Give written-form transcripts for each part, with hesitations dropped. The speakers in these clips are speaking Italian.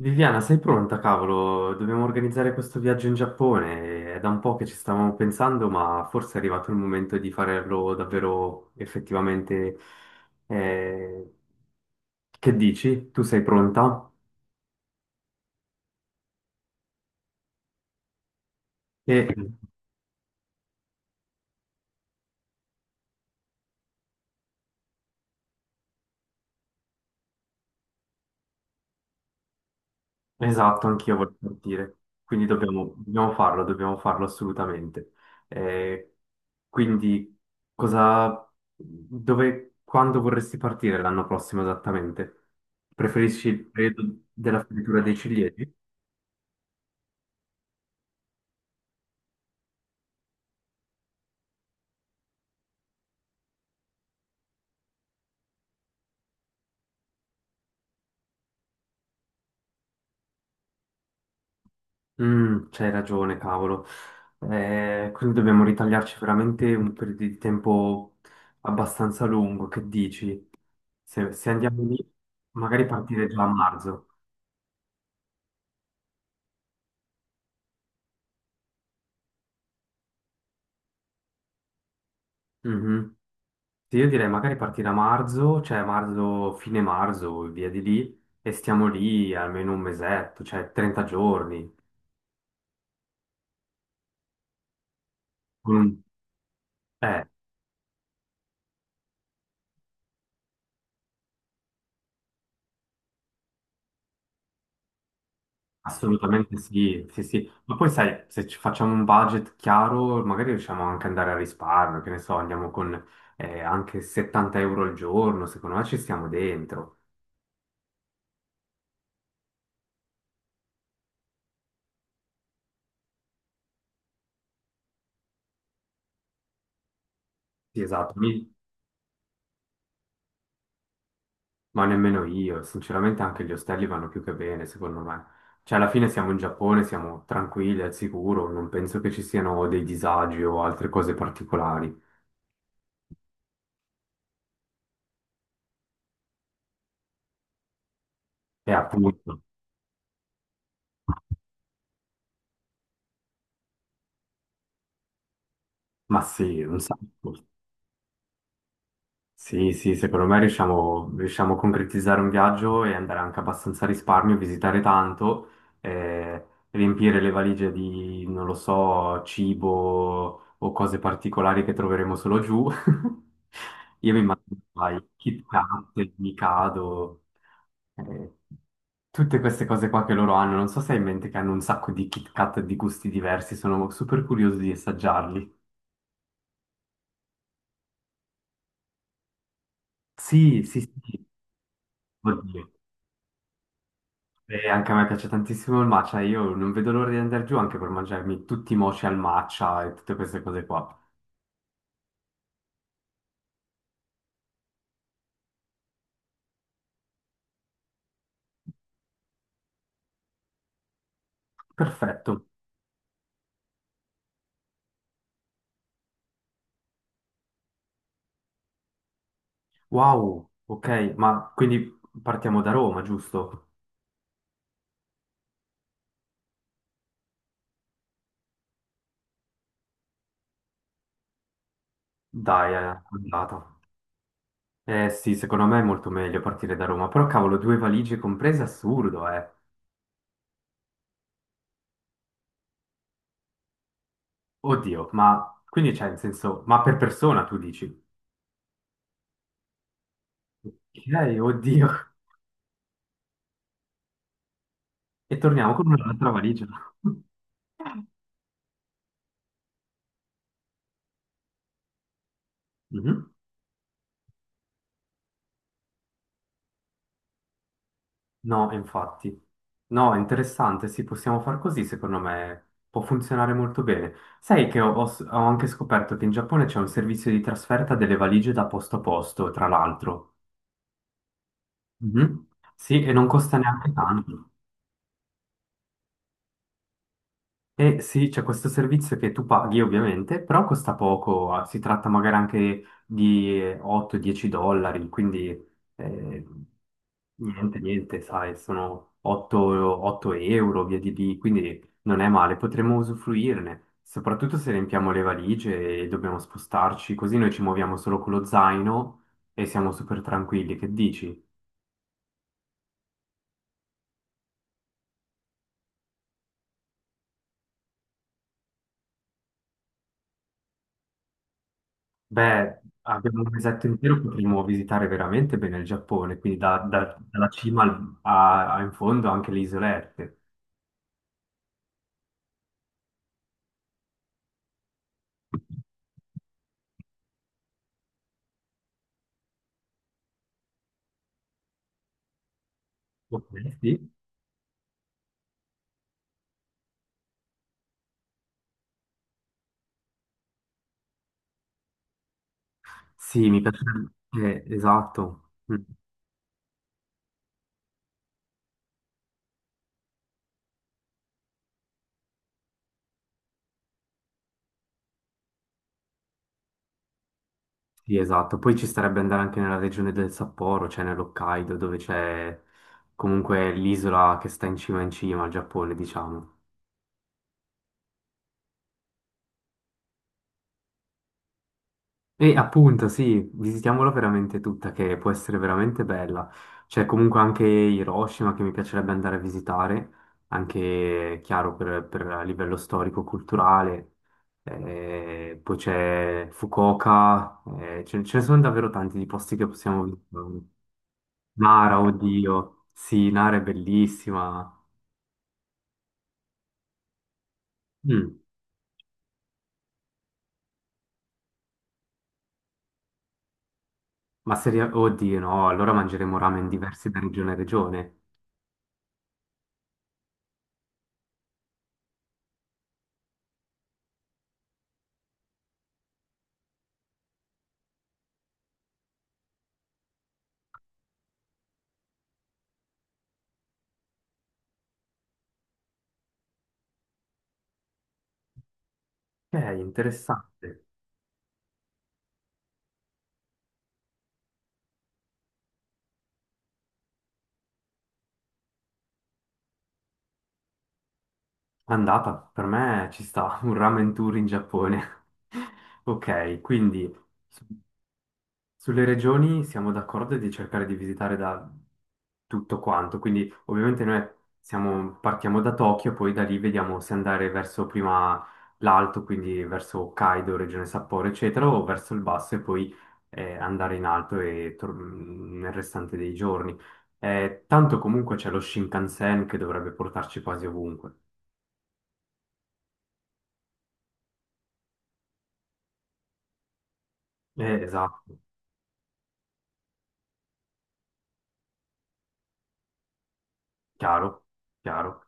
Viviana, sei pronta, cavolo? Dobbiamo organizzare questo viaggio in Giappone. È da un po' che ci stavamo pensando, ma forse è arrivato il momento di farlo davvero effettivamente. eh, Che dici? Tu sei pronta? E sì. Esatto, anch'io voglio partire, quindi dobbiamo farlo, dobbiamo farlo assolutamente. Eh, quindi, cosa, Dove, quando vorresti partire l'anno prossimo esattamente? Preferisci il periodo della fioritura dei ciliegi? Mm, c'hai ragione, cavolo. Quindi dobbiamo ritagliarci veramente un periodo di tempo abbastanza lungo, che dici? Se andiamo lì, magari partire già a marzo. Mhm. Sì, io direi magari partire a marzo, cioè marzo, fine marzo, e via di lì, e stiamo lì almeno un mesetto, cioè 30 giorni. Con un- Eh, Assolutamente sì, sì, sì. Ma poi sai, se ci facciamo un budget chiaro, magari riusciamo anche ad andare a risparmio, che ne so, andiamo con anche 70 euro al giorno, secondo me ci stiamo dentro. Sì, esatto. Ma nemmeno io, sinceramente anche gli ostelli vanno più che bene, secondo me. Cioè, alla fine siamo in Giappone, siamo tranquilli, al sicuro, non penso che ci siano dei disagi o altre cose particolari. E appunto, ma sì, un sacco. Sì, sì, secondo me riusciamo a concretizzare un viaggio e andare anche abbastanza a risparmio, visitare tanto, eh, riempire le valigie di, non lo so, cibo o cose particolari che troveremo solo giù. Io mi immagino, vai, Kit Kat, il Mikado, eh, tutte queste cose qua che loro hanno. Non so se hai in mente che hanno un sacco di Kit Kat di gusti diversi, sono super curioso di assaggiarli. Sì, sì, sì. Oddio. E anche a me piace tantissimo il matcha, io non vedo l'ora di andare giù anche per mangiarmi tutti i mochi al matcha e tutte queste cose qua. Perfetto. Wow, ok, ma quindi partiamo da Roma, giusto? Dai, è andata. Eh sì, secondo me è molto meglio partire da Roma, però cavolo, due valigie comprese, assurdo, eh. Oddio, ma quindi c'è in senso, ma per persona tu dici? Ok, oddio. E torniamo con un'altra valigia. Mhm. No, infatti. No, è interessante, sì, possiamo far così, secondo me può funzionare molto bene. Sai che ho anche scoperto che in Giappone c'è un servizio di trasferta delle valigie da posto a posto, tra l'altro. Mhm. Sì, e non costa neanche tanto. E sì, c'è questo servizio che tu paghi ovviamente, però costa poco, ah, si tratta magari anche di 8-10 dollari, quindi eh, niente, niente, sai, sono 8, 8 euro, via di lì, quindi non è male, potremmo usufruirne, soprattutto se riempiamo le valigie e dobbiamo spostarci, così noi ci muoviamo solo con lo zaino e siamo super tranquilli, che dici? Beh, abbiamo un mesetto intero, potremmo visitare veramente bene il Giappone, quindi dalla a, a in fondo anche le isolette. Ok, sì. Sì, mi piacerebbe. Esatto. Mm, sì, esatto. Poi ci starebbe andare anche nella regione del Sapporo, cioè nell'Hokkaido, dove c'è comunque l'isola che sta in cima al Giappone, diciamo. E appunto, sì, visitiamola veramente tutta, che può essere veramente bella. C'è comunque anche Hiroshima che mi piacerebbe andare a visitare, anche chiaro per a livello storico-culturale. Poi c'è Fukuoka, ce ne sono davvero tanti di posti che possiamo visitare. Nara, oddio, sì, Nara è bellissima. Mm, ma se, ri- oddio, no, allora mangeremo ramen diversi da regione a regione. Interessante. Andata, per me ci sta, un ramen tour in Giappone. Ok, quindi su- sulle regioni siamo d'accordo di cercare di visitare da tutto quanto, quindi ovviamente noi partiamo da Tokyo, poi da lì vediamo se andare verso prima l'alto, quindi verso Hokkaido, regione Sapporo, eccetera, o verso il basso e poi andare in alto e nel restante dei giorni. Tanto comunque c'è lo Shinkansen che dovrebbe portarci quasi ovunque. Esatto. Chiaro, chiaro.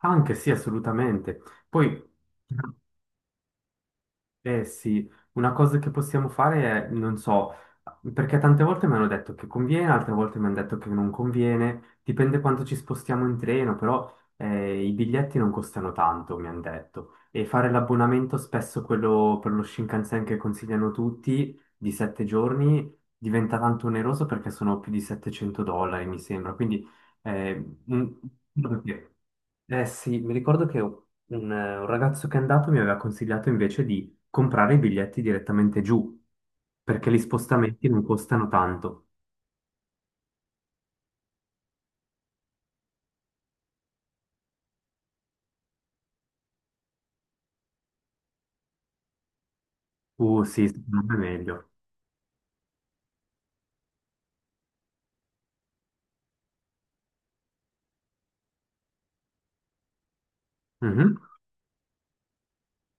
Anche sì, assolutamente. Poi, eh sì, una cosa che possiamo fare è, non so, perché tante volte mi hanno detto che conviene, altre volte mi hanno detto che non conviene, dipende quanto ci spostiamo in treno, però i biglietti non costano tanto, mi hanno detto. E fare l'abbonamento, spesso quello per lo Shinkansen che consigliano tutti, di sette giorni, diventa tanto oneroso perché sono più di 700 dollari, mi sembra. Eh, un- Eh sì, mi ricordo che un ragazzo che è andato mi aveva consigliato invece di comprare i biglietti direttamente giù, perché gli spostamenti non costano tanto. Sì, secondo me è meglio. Mhm.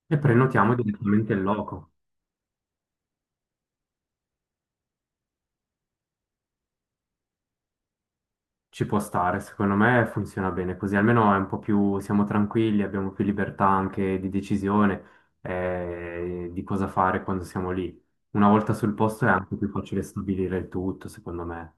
E prenotiamo direttamente il loco. Ci può stare, secondo me funziona bene così, almeno è un po' più, siamo tranquilli, abbiamo più libertà anche di decisione di cosa fare quando siamo lì. Una volta sul posto è anche più facile stabilire il tutto, secondo me.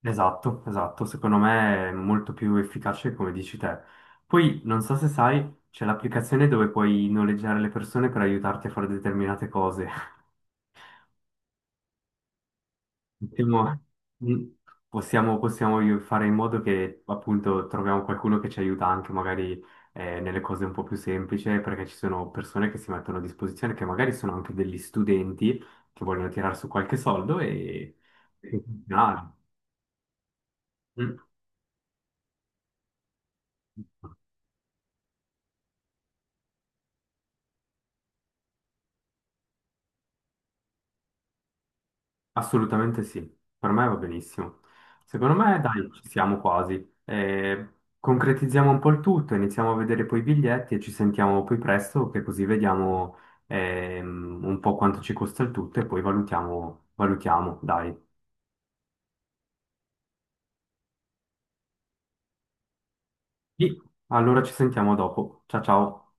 Esatto, esatto, secondo me è molto più efficace come dici te. Poi, non so se sai, c'è l'applicazione dove puoi noleggiare le persone per aiutarti a fare determinate cose. Possiamo, mm, fare in modo che appunto troviamo qualcuno che ci aiuta anche magari nelle cose un po' più semplici, perché ci sono persone che si mettono a disposizione, che magari sono anche degli studenti che vogliono tirare su qualche soldo e funzionare. Mm. Assolutamente sì, per me va benissimo. Secondo me, dai, ci siamo quasi. Concretizziamo un po' il tutto, iniziamo a vedere poi i biglietti e ci sentiamo poi presto, che così vediamo un po' quanto ci costa il tutto e poi valutiamo, valutiamo, dai. Sì, allora ci sentiamo dopo. Ciao ciao.